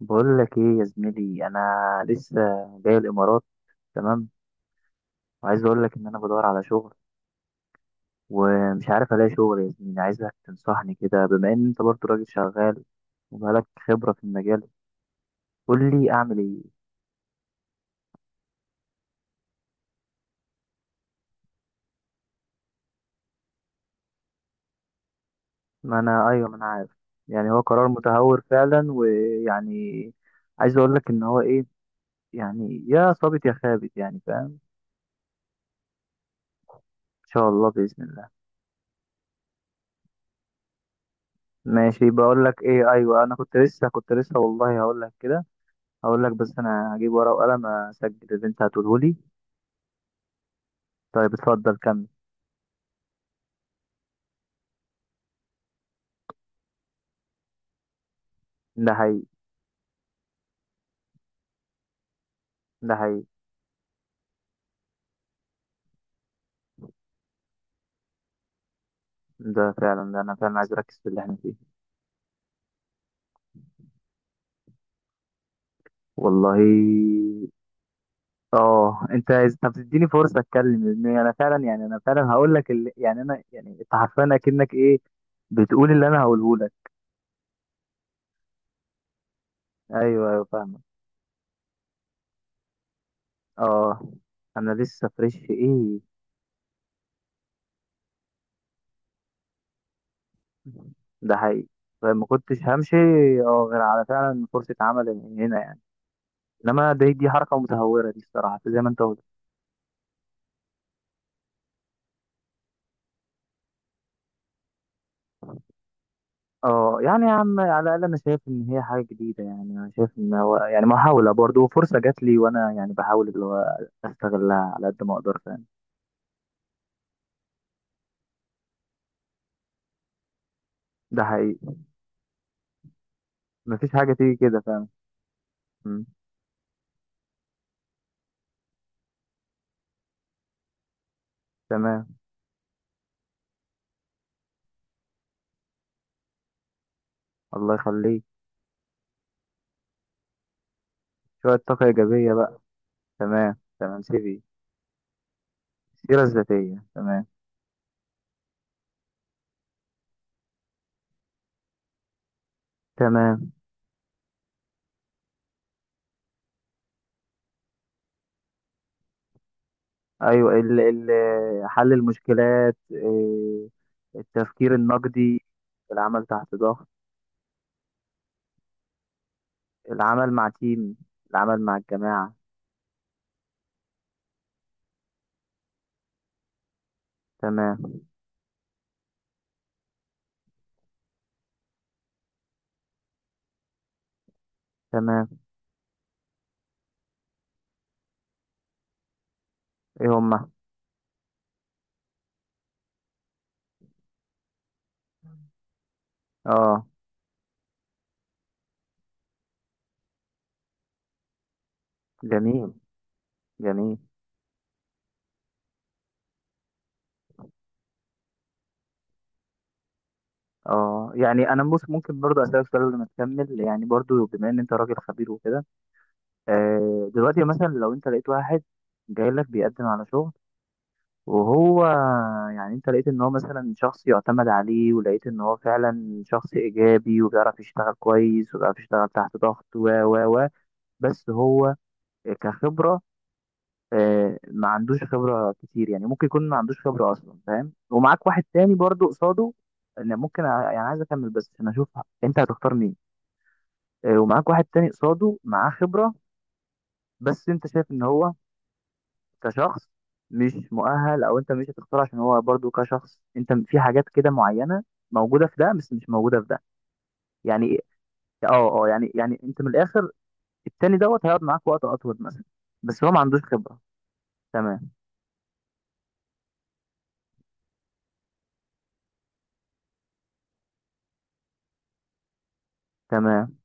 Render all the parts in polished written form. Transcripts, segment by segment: بقول لك ايه يا زميلي، انا لسه جاي الامارات. تمام. وعايز اقول لك ان انا بدور على شغل ومش عارف الاقي شغل يا زميلي. عايزك تنصحني كده، بما ان انت برضه راجل شغال وبقالك خبرة في المجال. قول لي اعمل ايه. ما انا ايوه، ما انا عارف. يعني هو قرار متهور فعلا، ويعني عايز اقول لك ان هو ايه. يعني يا صابت يا خابت، يعني فاهم، ان شاء الله، باذن الله. ماشي. بقول لك ايه، ايوه، انا كنت لسه والله، هقول لك كده. هقول لك، بس انا هجيب ورقه وقلم اسجل اللي انت هتقوله لي. طيب، اتفضل كمل. ده حقيقي، ده حقيقي. ده فعلا، ده انا فعلا عايز اركز في اللي احنا فيه، والله. اه، طب تديني فرصه اتكلم. لان انا فعلا، هقول لك اللي، يعني انا يعني انت حرفيا اكنك ايه بتقول اللي انا هقوله لك. ايوه، ايوه، فاهمك. اه، انا لسه فريش في ايه. ده حقيقي. طيب، ما كنتش همشي، اه، غير على فعلا فرصه عمل من هنا يعني. انما دي حركه متهوره، دي الصراحه زي ما انت قلت. اه، يعني يا عم، على الاقل انا شايف ان هي حاجه جديده. يعني انا شايف ان هو يعني محاوله برضه، وفرصه جات لي، وانا يعني بحاول اللي هو استغلها على قد ما اقدر، فاهم. ده حقيقي. مفيش حاجه تيجي كده، فاهم. مم. تمام. الله يخليك. شويه طاقه ايجابيه بقى. تمام، تمام، سيبي. السيره الذاتيه، تمام. تمام. ايوه، ال ال حل المشكلات، التفكير النقدي، العمل تحت ضغط. العمل مع تيم، العمل مع الجماعه. تمام، تمام. ايه هم؟ اه، جميل، جميل. اه، يعني ممكن برضو اسالك سؤال قبل ما تكمل، يعني برضو بما ان انت راجل خبير وكده. دلوقتي مثلا لو انت لقيت واحد جاي لك بيقدم على شغل، وهو، يعني انت لقيت ان هو مثلا شخص يعتمد عليه، ولقيت ان هو فعلا شخص ايجابي، وبيعرف يشتغل كويس، وبيعرف يشتغل تحت ضغط، و بس هو كخبرة، ما عندوش خبرة كتير. يعني ممكن يكون ما عندوش خبرة أصلا، فاهم، ومعاك واحد تاني برضو قصاده. أنا ممكن يعني عايز أكمل بس عشان أشوف أنت هتختار مين. ومعاك واحد تاني قصاده معاه خبرة، بس أنت شايف إن هو كشخص مش مؤهل. أو أنت مش هتختار عشان هو برضو كشخص، أنت في حاجات كده معينة موجودة في ده بس مش موجودة في ده. يعني يعني أنت من الآخر، التاني دوت هيقعد معاك وقت أطول مثلا، بس هو ما عندوش خبرة. تمام، تمام،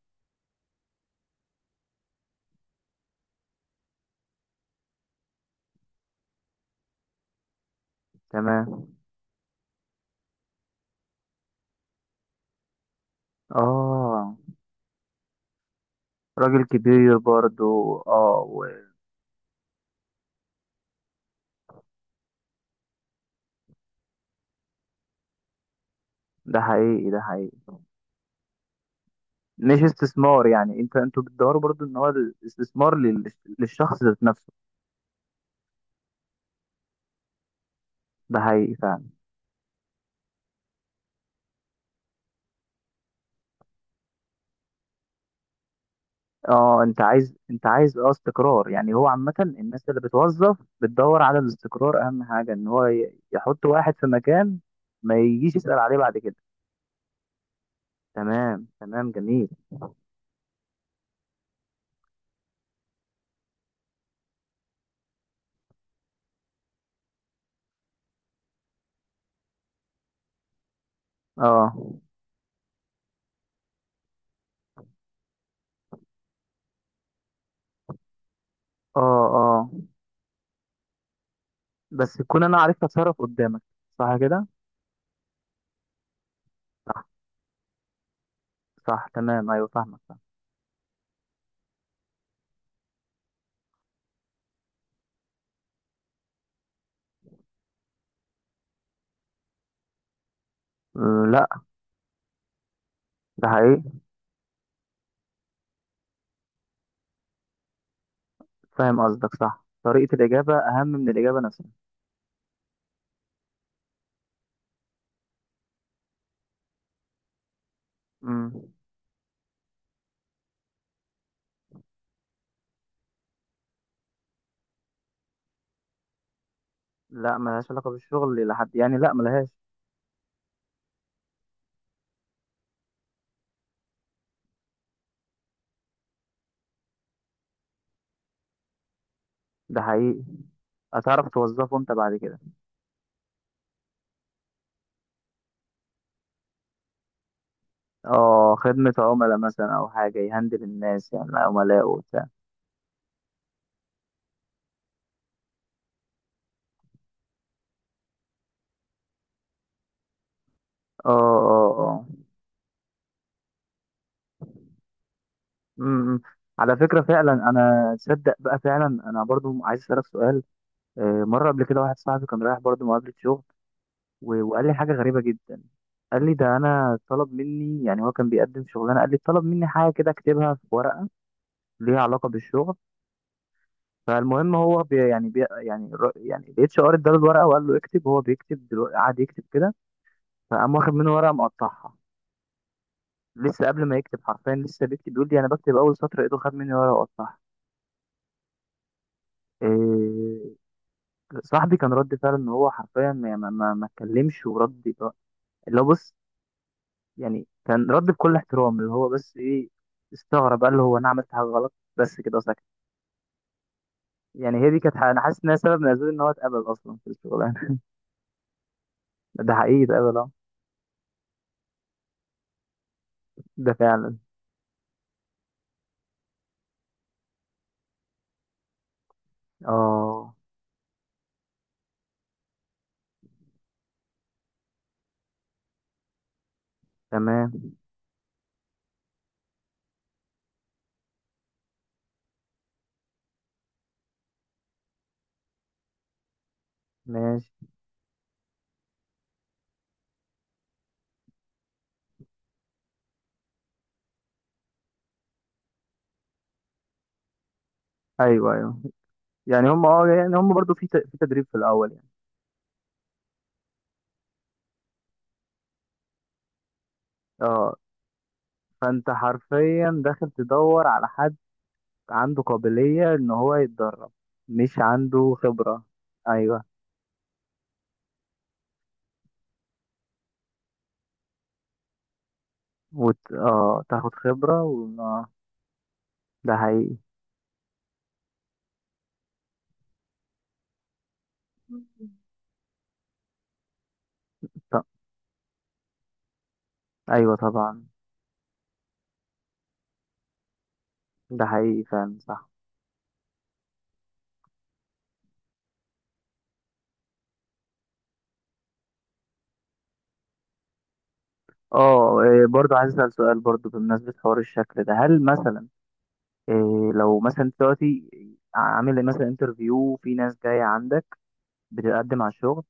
تمام. اه، راجل كبير برضو، اه. ده حقيقي، ده حقيقي. مش استثمار، يعني انتوا بتدوروا برضو ان هو الاستثمار للشخص ذات نفسه. ده حقيقي فعلا. اه، انت عايز استقرار، يعني هو عامة الناس اللي بتوظف بتدور على الاستقرار. اهم حاجة ان هو يحط واحد في مكان ما يجيش يسأل عليه بعد كده. تمام، تمام، جميل. اه، اه، اه، بس تكون انا عرفت اتصرف قدامك، صح كده. صح، تمام. ايوه، فاهمك. فاهم. لا، ده حقيقي. فاهم قصدك، صح، طريقة الإجابة أهم من الإجابة نفسها. امم لا، ملهاش علاقة بالشغل إلى حد يعني، لا ملهاش. ده حقيقي. هتعرف توظفه أنت بعد كده. اه، خدمة عملاء مثلا، أو حاجة يهندل الناس، يعني عملاء وبتاع. اه، اه، اه، امم على فكرة فعلا، أنا تصدق بقى، فعلا أنا برضو عايز أسألك سؤال. مرة قبل كده واحد صاحبي كان رايح برضو مقابلة شغل. وقال لي حاجة غريبة جدا. قال لي ده انا طلب مني، يعني هو كان بيقدم شغلانه، قال لي طلب مني حاجه كده اكتبها في ورقه ليه علاقه بالشغل. فالمهم هو بي يعني بي يعني الر- يعني الاتش ار اداله الورقه، وقال له اكتب. هو بيكتب دلوقتي، قعد يكتب كده. فقام واخد منه ورقه مقطعها. لسه قبل ما يكتب حرفيا، لسه بيكتب، بيقول لي انا بكتب اول سطر، ايده خد مني ورقه وقطعها. إيه. صاحبي كان رد فعله ان هو حرفيا، ما يعني ما ما ما اتكلمش ورد. اللي هو بص، يعني كان رد بكل احترام اللي هو بس ايه. استغرب قال له هو انا عملت حاجه غلط، بس كده سكت. يعني هي دي كانت انا حاسس انها سبب من اسباب ان هو اتقبل اصلا في الشغلانه. ده حقيقي، اتقبل، اه. ده فعلا، اه. تمام. ماشي. ايوه، ايوه. يعني هم اه يعني هم برضو في في تدريب في الاول يعني. اه، فانت حرفيا داخل تدور على حد عنده قابلية ان هو يتدرب، مش عنده خبرة. ايوه، اه، تاخد خبرة و... آه. ده حقيقي. ط- ايوه، طبعا. ده حقيقي فعلا، صح. اه، برضو عايز اسال سؤال، برضو بمناسبه حوار الشكل ده، هل مثلا، لو مثلا دلوقتي عامل مثلا انترفيو، في ناس جايه عندك بتقدم على الشغل،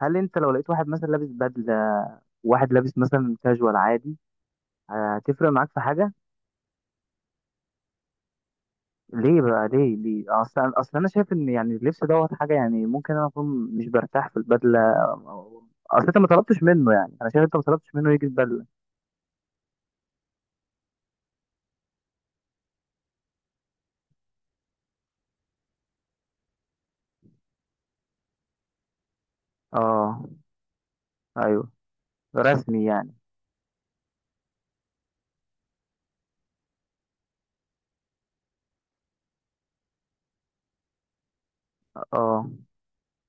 هل انت لو لقيت واحد مثلا لابس بدله، واحد لابس مثلا كاجوال عادي، هتفرق معاك في حاجه؟ ليه بقى، ليه، ليه؟ اصلا، اصلا انا شايف ان يعني اللبس دوت حاجه، يعني ممكن انا اكون مش برتاح في البدله. اصل انت ما طلبتش منه، يعني انا شايف انت ما طلبتش منه يجي البدله. اه. ايوه، رسمي يعني. اه،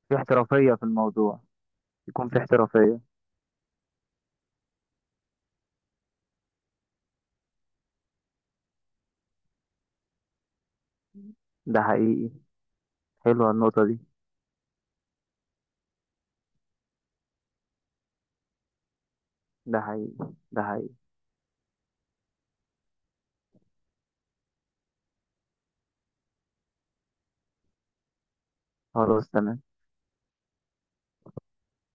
في احترافيه في الموضوع. يكون في احترافيه. ده حقيقي. حلوه النقطه دي. ده حقيقي، ده حقيقي. خلاص، تمام.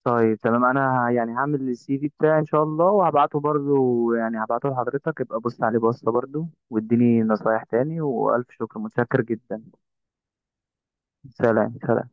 طيب، تمام، انا يعني هعمل السي في بتاعي ان شاء الله، وهبعته برضو، يعني هبعته لحضرتك ابقى بص عليه بصة برضو، واديني نصايح تاني، والف شكر، متشكر جدا. سلام، سلام.